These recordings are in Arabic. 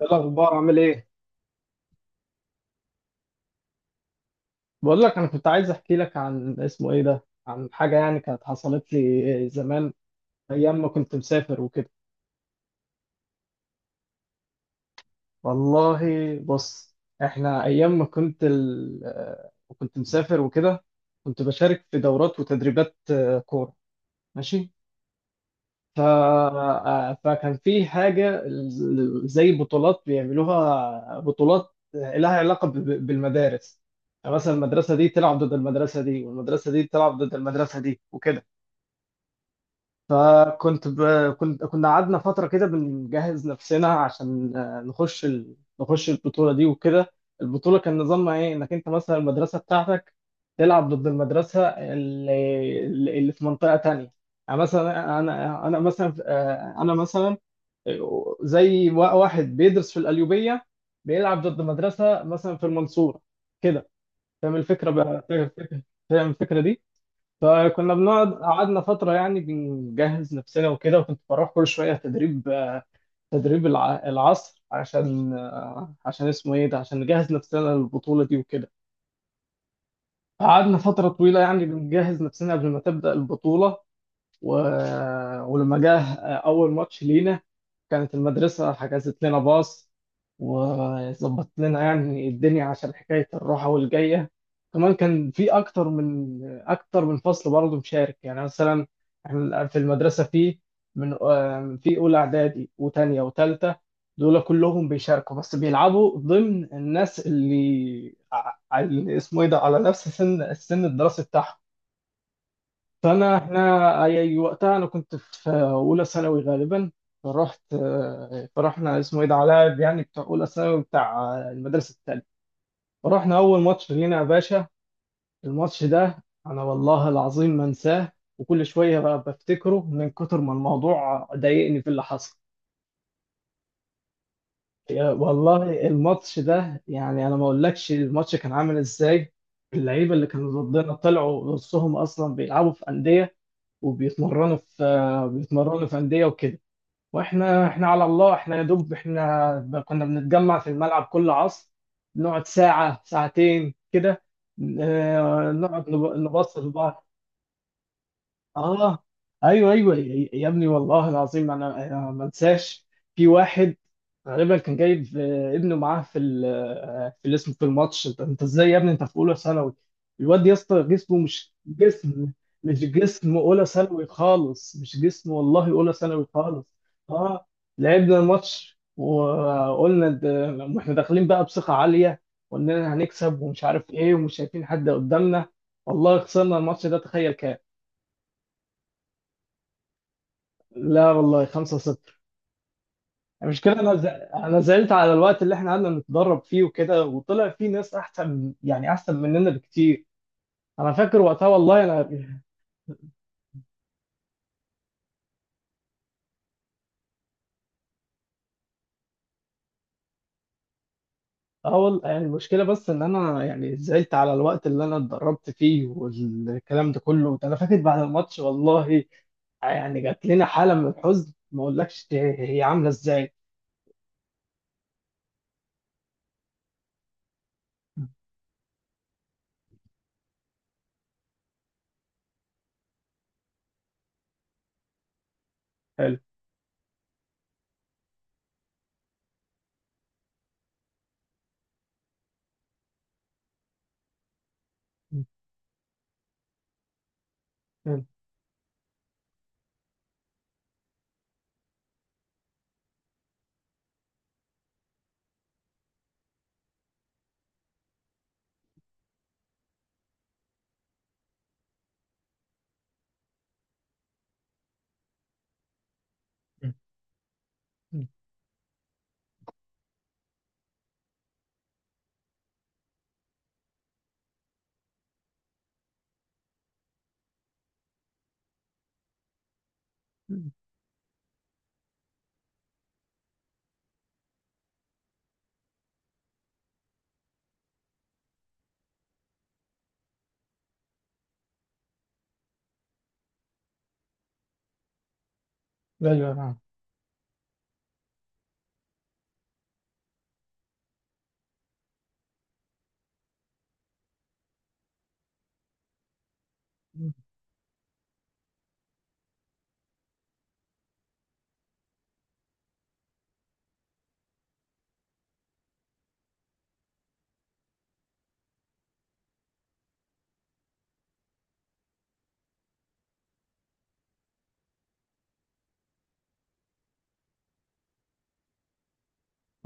ايه الاخبار؟ عامل ايه؟ بقول لك، انا كنت عايز احكي لك عن اسمه ايه ده، عن حاجه يعني كانت حصلت لي زمان، ايام ما كنت مسافر وكده. والله، بص. احنا ايام ما كنت كنت مسافر وكده. كنت بشارك في دورات وتدريبات، كوره. ماشي. فكان في حاجه زي بطولات بيعملوها، بطولات لها علاقه بالمدارس. يعني مثلا المدرسه دي تلعب ضد المدرسه دي، والمدرسه دي تلعب ضد المدرسه دي وكده. فكنت ب... كنا قعدنا فترة كده بنجهز نفسنا عشان نخش نخش البطولة دي وكده. البطولة كان نظامها ايه؟ انك انت مثلا المدرسة بتاعتك تلعب ضد المدرسة اللي في منطقة تانية. يعني مثلا انا مثلا، انا مثلا، زي واحد بيدرس في القليوبية، بيلعب ضد مدرسة مثلا في المنصورة كده. فاهم الفكرة؟ بقى فاهم الفكرة، فاهم الفكرة دي؟ فكنا قعدنا فترة يعني بنجهز نفسنا وكده، وكنت بروح كل شوية تدريب، تدريب العصر عشان، عشان اسمه ايه ده، عشان نجهز نفسنا للبطولة دي وكده. قعدنا فترة طويلة يعني بنجهز نفسنا قبل ما تبدأ البطولة. و... ولما جه أول ماتش لينا، كانت المدرسة حجزت لنا باص وظبطت لنا يعني الدنيا عشان حكاية الروحة والجاية. كمان كان في أكتر من، أكتر من فصل برضه مشارك. يعني مثلا إحنا في المدرسة في، في أولى إعدادي وتانية وتالتة، دول كلهم بيشاركوا، بس بيلعبوا ضمن الناس اللي اللي اسمه إيه ده، على نفس السن الدراسي بتاعهم. فانا احنا اي وقتها انا كنت في اولى ثانوي غالبا. فرحت فرحنا، اسمه ايه ده، علاء يعني، بتاع اولى ثانوي بتاع المدرسه الثانيه. فرحنا اول ماتش لينا يا باشا. الماتش ده انا والله العظيم ما انساه، وكل شويه بقى بفتكره من كتر ما الموضوع ضايقني في اللي حصل. يا والله الماتش ده، يعني انا ما اقولكش الماتش كان عامل ازاي. اللعيبه اللي كانوا ضدنا طلعوا نصهم اصلا بيلعبوا في انديه وبيتمرنوا في، بيتمرنوا في أندية وكده. واحنا، احنا على الله، احنا يا دوب احنا كنا بنتجمع في الملعب كل عصر، نقعد ساعة ساعتين كده، نقعد نبص لبعض. اه. ايوه ايوه يا ابني، والله العظيم انا، ما انساش. في واحد غالبا كان جايب ابنه معاه في في الاسم، في الماتش. انت أنت ازاي يا ابني انت في اولى ثانوي؟ الواد يا اسطى جسمه مش جسم، مش جسم اولى ثانوي خالص، مش جسم والله اولى ثانوي خالص. اه. لعبنا الماتش وقلنا، لما احنا داخلين بقى بثقة عالية واننا هنكسب ومش عارف ايه ومش شايفين حد قدامنا. والله خسرنا الماتش ده، تخيل كام! لا والله 5-0. المشكله انا، انا زعلت على الوقت اللي احنا قعدنا نتدرب فيه وكده، وطلع فيه ناس احسن، يعني احسن مننا بكتير. انا فاكر وقتها والله انا، اول يعني المشكله بس ان انا يعني زعلت على الوقت اللي انا اتدربت فيه، والكلام ده كله انا فاكر بعد الماتش والله، يعني جات لنا حاله من الحزن ما اقولكش هي عامله ازاي. حلو. ايوه، نعم.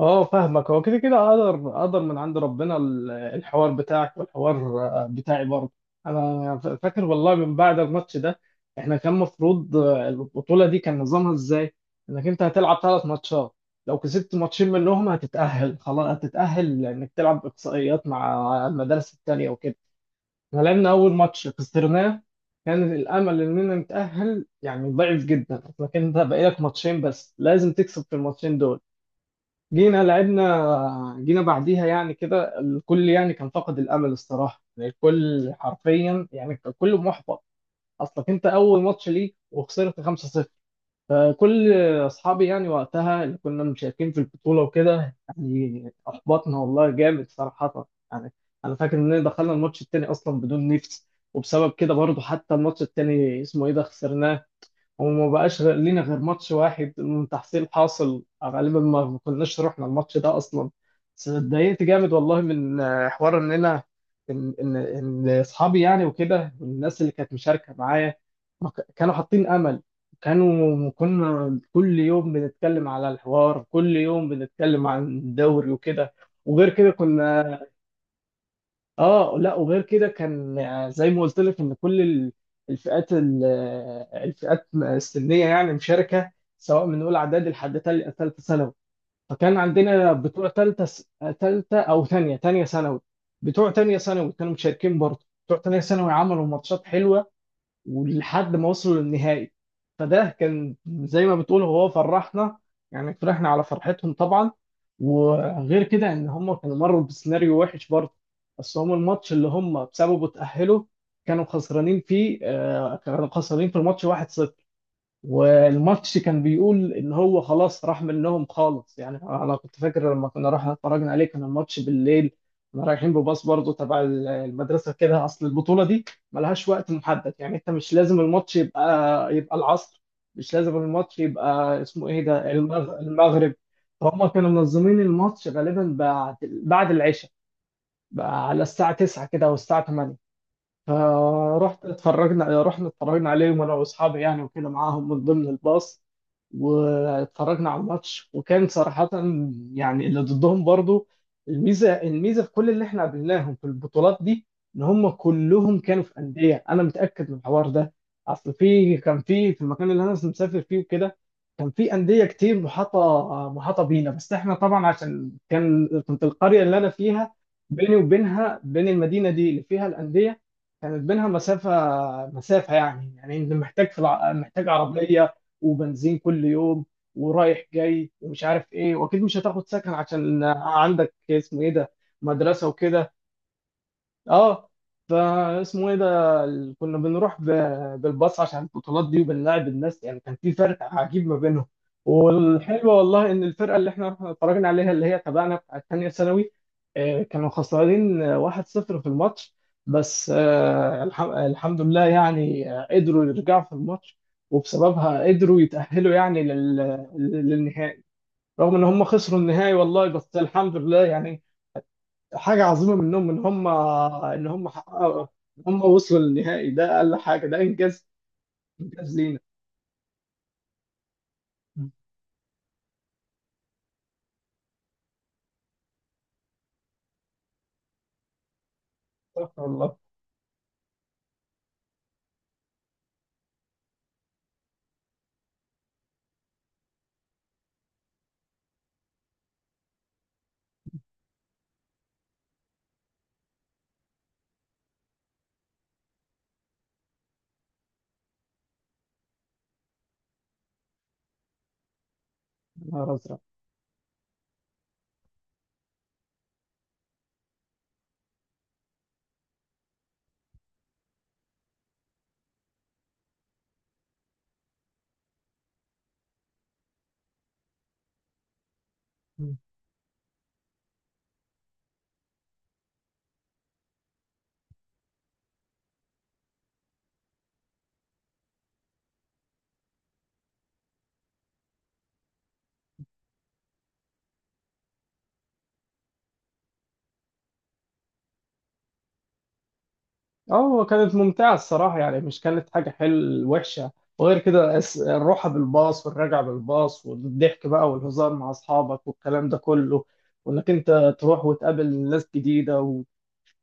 اه فاهمك، هو كده كده اقدر، من عند ربنا الحوار بتاعك، والحوار بتاعي برضه. انا فاكر والله من بعد الماتش ده، احنا كان مفروض، البطولة دي كان نظامها ازاي؟ انك انت هتلعب ثلاث ماتشات، لو كسبت ماتشين منهم هتتأهل، خلاص هتتأهل لانك تلعب اقصائيات مع المدارس التانية وكده. احنا لعبنا اول ماتش خسرناه، كان الامل اننا نتأهل يعني ضعيف جدا، لكن انت بقالك ماتشين بس لازم تكسب في الماتشين دول. جينا لعبنا، جينا بعديها يعني كده، الكل يعني كان فاقد الامل الصراحه، يعني الكل حرفيا يعني كان كله محبط. اصلك انت اول ماتش ليك وخسرت 5-0. فكل اصحابي يعني وقتها اللي كنا مشاركين في البطوله وكده، يعني احبطنا والله جامد صراحه يعني. انا فاكر اننا دخلنا الماتش التاني اصلا بدون نفس، وبسبب كده برضه حتى الماتش التاني اسمه ايه ده خسرناه. وما بقاش غير لينا غير ماتش واحد من تحصيل حاصل، غالبا ما كناش رحنا الماتش ده اصلا. بس اتضايقت جامد والله من، حوار ان انا، ان اصحابي يعني وكده، والناس اللي كانت مشاركه معايا ما كانوا حاطين امل. كنا كل يوم بنتكلم على الحوار، كل يوم بنتكلم عن الدوري وكده. وغير كده كنا، اه لا. وغير كده كان زي ما قلت لك ان كل الفئات، الفئات السنيه يعني مشاركه، سواء من اولى اعدادي لحد ثالثه ثانوي. فكان عندنا بتوع ثالثه ثالثه او ثانيه ثانيه ثانوي. بتوع ثانيه ثانوي كانوا مشاركين برضه، بتوع ثانيه ثانوي عملوا ماتشات حلوه ولحد ما وصلوا للنهائي. فده كان زي ما بتقول هو، فرحنا يعني، فرحنا على فرحتهم طبعا. وغير كده ان هم كانوا مروا بسيناريو وحش برضه، بس هم الماتش اللي هم بسببه اتأهلوا كانوا خسرانين فيه، كانوا خسرانين في الماتش 1-0، والماتش كان بيقول ان هو خلاص راح منهم خالص يعني. انا كنت فاكر لما كنا رايحين اتفرجنا عليه كان الماتش بالليل. كنا رايحين بباص برضه تبع المدرسه كده، اصل البطوله دي ملهاش وقت محدد يعني، انت مش لازم الماتش يبقى، العصر، مش لازم الماتش يبقى اسمه ايه ده المغرب. فهم كانوا منظمين الماتش غالبا بعد، العشاء، بقى على الساعه 9 كده او الساعه 8. فرحت اتفرجنا، رحنا اتفرجنا عليهم انا واصحابي يعني وكده معاهم من ضمن الباص. واتفرجنا على الماتش، وكان صراحة يعني اللي ضدهم برضو، الميزة في كل اللي احنا قابلناهم في البطولات دي ان هم كلهم كانوا في أندية، انا متأكد من الحوار ده. اصل في، كان في المكان اللي انا مسافر فيه وكده، كان في أندية كتير، محاطة بينا، بس احنا طبعا عشان كان، كنت القرية اللي انا فيها، بيني وبينها، بين المدينة دي اللي فيها الأندية، كانت بينها مسافة، يعني انت محتاج محتاج عربية وبنزين كل يوم، ورايح جاي ومش عارف ايه، واكيد مش هتاخد سكن عشان عندك اسمه ايه ده، مدرسه وكده. اه. فاسمه ايه ده ال- كنا بنروح بالباص عشان البطولات دي وبنلاعب الناس يعني، كان في فرق عجيب ما بينهم. والحلو والله ان الفرقه اللي احنا رحنا اتفرجنا عليها اللي هي تبعنا بتاعت تانية ثانوي، كانوا خسرانين، 1-0 في الماتش. بس الحمد لله يعني، قدروا يرجعوا في الماتش، وبسببها قدروا يتأهلوا يعني للنهائي. رغم ان هم خسروا النهائي والله، بس الحمد لله يعني. حاجة عظيمة منهم إن هم، إن هم حققوا، إن هم وصلوا للنهائي، ده أقل حاجة، ده إنجاز، إنجاز لينا. مم. استغفر الله. يا نهار أزرق. مم. اه كانت ممتعة الصراحة يعني، مش كانت حاجة حلوة وحشة. وغير كده الروحة بالباص والرجعة بالباص، والضحك بقى والهزار مع أصحابك والكلام ده كله، وإنك أنت تروح وتقابل ناس جديدة،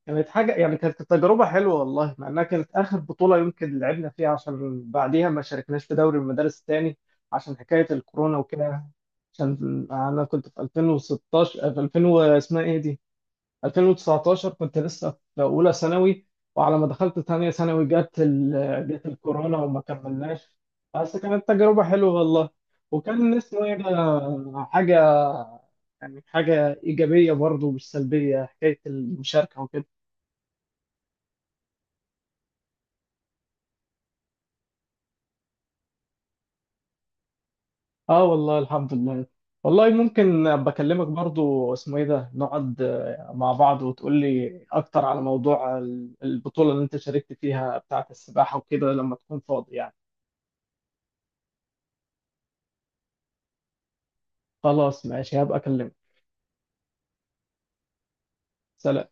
كانت حاجة يعني، كانت تجربة حلوة والله، مع إنها كانت آخر بطولة يمكن لعبنا فيها، عشان بعديها ما شاركناش في دوري المدارس تاني عشان حكاية الكورونا وكده. عشان أنا كنت في 2016، في 2000 اسمها إيه دي، 2019 كنت لسه في أولى ثانوي، وعلى ما دخلت ثانية ثانوي جت جت الكورونا وما كملناش. بس كانت تجربة حلوة والله، وكان اسمه إيه ده حاجة، يعني حاجة إيجابية برضه مش سلبية حكاية المشاركة وكده. اه والله الحمد لله. والله ممكن ابقى اكلمك برضو اسمه ايه ده، نقعد مع بعض وتقول لي اكتر على موضوع البطولة اللي انت شاركت فيها بتاعة السباحة وكده لما تكون فاضي يعني. خلاص ماشي هبقى اكلمك. سلام.